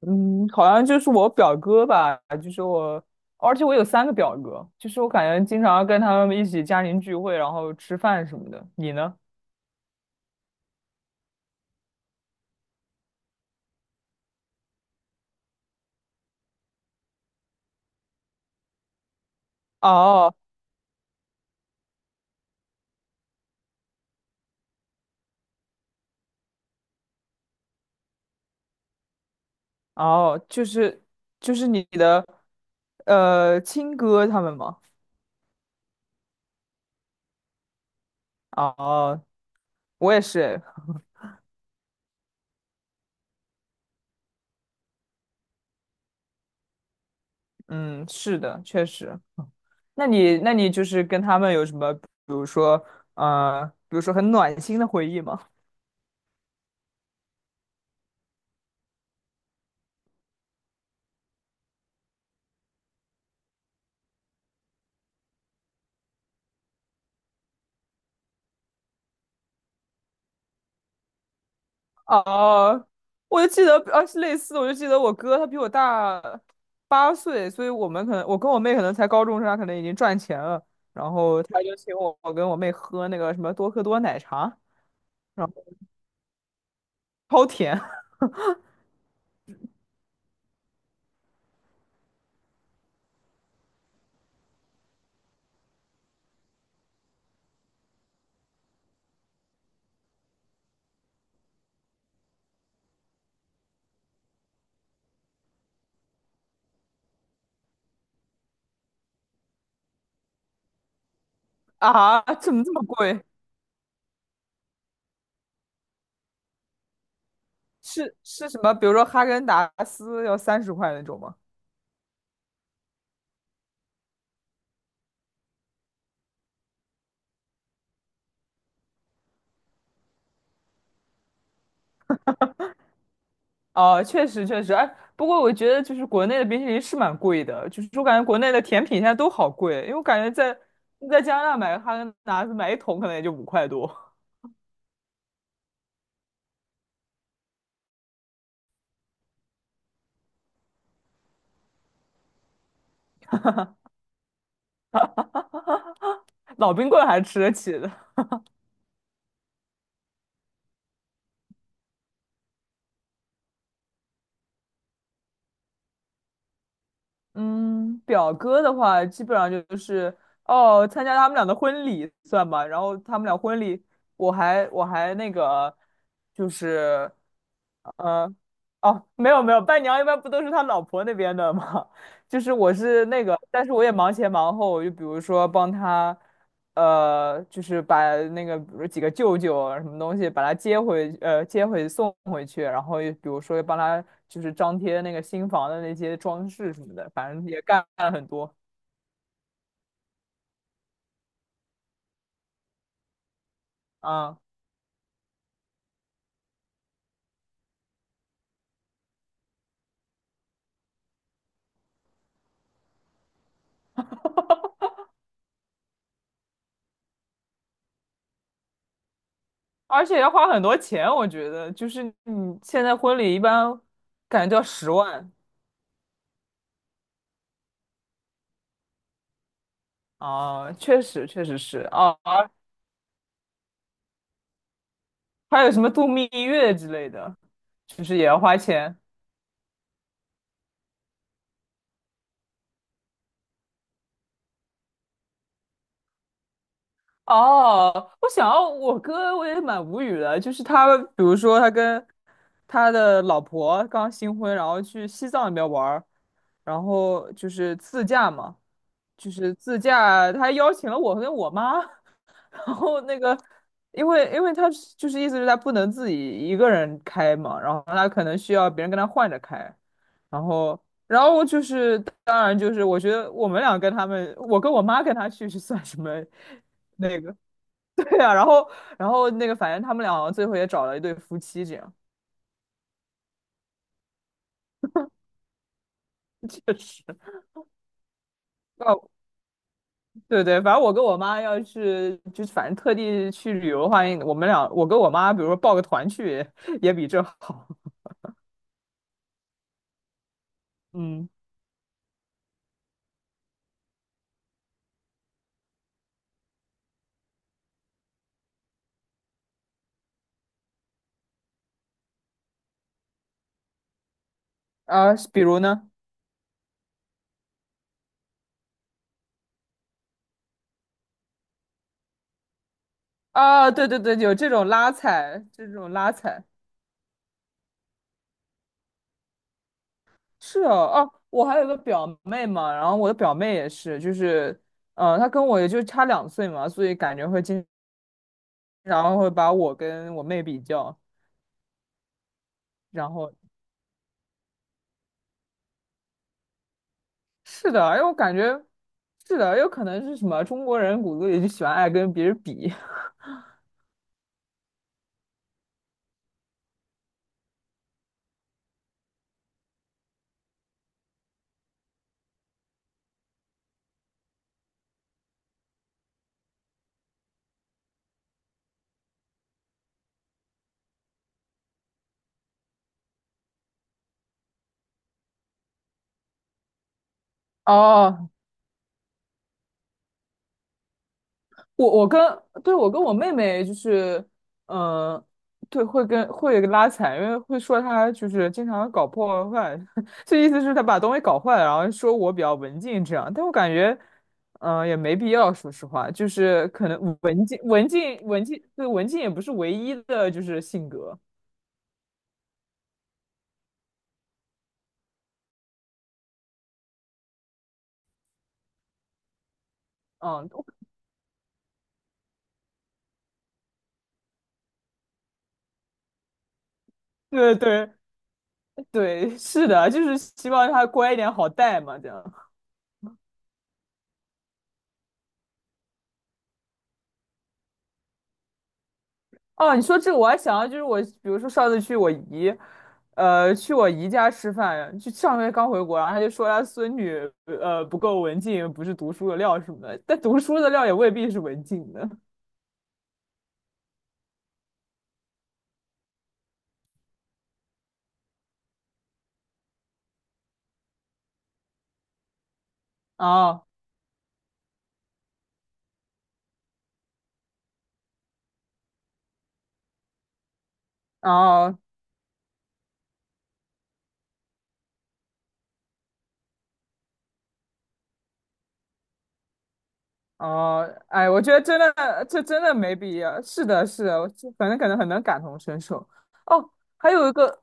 嗯，好像就是我表哥吧，就是我，而且我有3个表哥，就是我感觉经常跟他们一起家庭聚会，然后吃饭什么的。你呢？哦哦，就是你的亲哥他们吗？哦，我也是，嗯，是的，确实。那你就是跟他们有什么，如说比如说很暖心的回忆吗？哦，我就记得我哥他比我大8岁，所以我们可能我跟我妹可能才高中生，他可能已经赚钱了，然后他就请我跟我妹喝那个什么多克多奶茶，然后超甜。 啊，怎么这么贵？是什么？比如说哈根达斯要30块那种吗？哦，确实确实，哎，不过我觉得就是国内的冰淇淋是蛮贵的，就是我感觉国内的甜品现在都好贵，因为我感觉在加拿大买个哈根达斯买一桶可能也就5块多。老冰棍还吃得起的。嗯，表哥的话，基本上就是哦，参加他们俩的婚礼算吧。然后他们俩婚礼，我还那个，就是嗯，哦，没有没有，伴娘一般不都是他老婆那边的吗？就是我是那个，但是我也忙前忙后，就比如说帮他，就是把那个比如几个舅舅啊什么东西把他接回，送回去，然后又比如说又帮他就是张贴那个新房的那些装饰什么的，反正也干了很多，啊，而且要花很多钱，我觉得就是你现在婚礼一般感觉都要10万。啊，确实，确实是啊。还有什么度蜜月之类的，就是也要花钱。哦，我想要我哥，我也蛮无语的，就是他，比如说他跟他的老婆刚新婚，然后去西藏那边玩儿，然后就是自驾嘛。就是自驾，他还邀请了我跟我妈，然后那个，因为他是就是意思是他不能自己一个人开嘛，然后他可能需要别人跟他换着开，然后然后就是当然就是我觉得我们俩跟他们，我跟我妈跟他去是算什么那个？对啊，然后那个反正他们俩好像最后也找了一对夫妻这样，确实。哦，对对，反正我跟我妈要是就是反正特地去旅游的话，我们俩我跟我妈，比如说报个团去，也比这好。嗯，啊，比如呢？啊，对对对，有这种拉踩，这种拉踩是哦，哦，我还有个表妹嘛，然后我的表妹也是，就是，她跟我也就差2岁嘛，所以感觉会经常会把我跟我妹比较，然后是的，因为我感觉是的，有可能是什么中国人骨子里就喜欢爱跟别人比。哦，我我跟对，我跟我妹妹就是，嗯，对，会跟会拉踩，因为会说她就是经常搞破坏，这意思是她把东西搞坏了，然后说我比较文静这样，但我感觉，嗯，也没必要，说实话，就是可能文静文静文静，对，文静也不是唯一的就是性格，嗯，对对对，是的，就是希望她乖一点好带嘛，这样。哦，你说这个我还想到，就是我，比如说上次去我姨家吃饭，就上个月刚回国，然后她就说她孙女，不够文静，不是读书的料什么的，但读书的料也未必是文静的。哦哦，哦，哎，我觉得真的，这真的没必要。是的，是的，我就反正可能很能感同身受。哦，还有一个，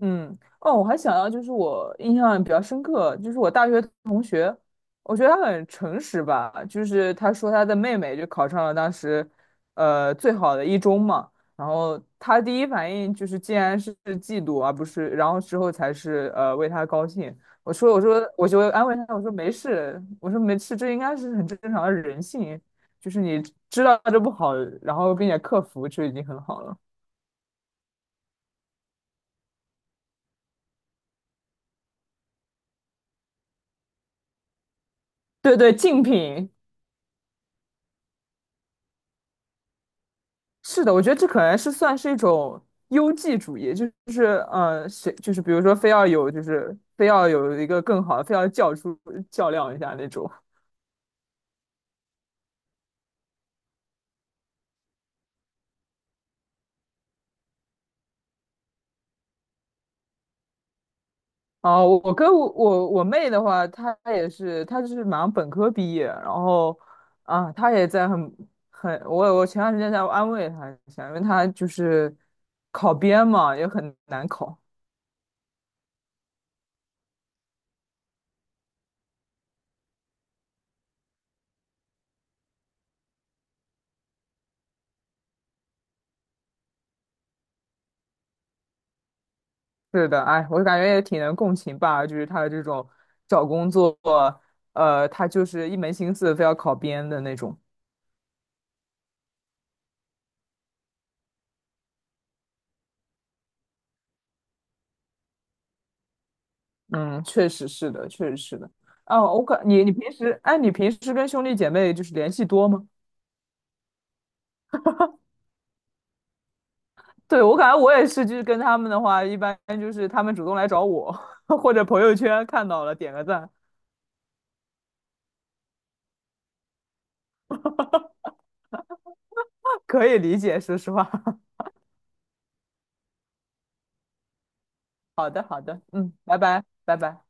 嗯，哦，我还想到就是我印象比较深刻，就是我大学同学，我觉得他很诚实吧，就是他说他的妹妹就考上了当时最好的一中嘛，然后他第一反应就是竟然是嫉妒，而不是，然后之后才是为他高兴。我说我就安慰他，我说没事，我说没事，这应该是很正常的人性，就是你知道这不好，然后并且克服就已经很好了。对对，竞品是的，我觉得这可能是算是一种优绩主义，就是谁就是比如说非要有就是非要有一个更好的，非要较量一下那种。哦，我我跟我我我妹的话，她也是，她就是马上本科毕业，然后啊，她也在很，我前段时间在安慰她一下，因为她就是考编嘛，也很难考。是的，哎，我感觉也挺能共情吧，就是她的这种找工作她就是一门心思非要考编的那种。嗯，确实是的，确实是的。哦，我感你你平时，哎，你平时跟兄弟姐妹就是联系多吗？对，我感觉我也是，就是跟他们的话，一般就是他们主动来找我，或者朋友圈看到了点个赞，可以理解，说实话。好的，好的，嗯，拜拜，拜拜。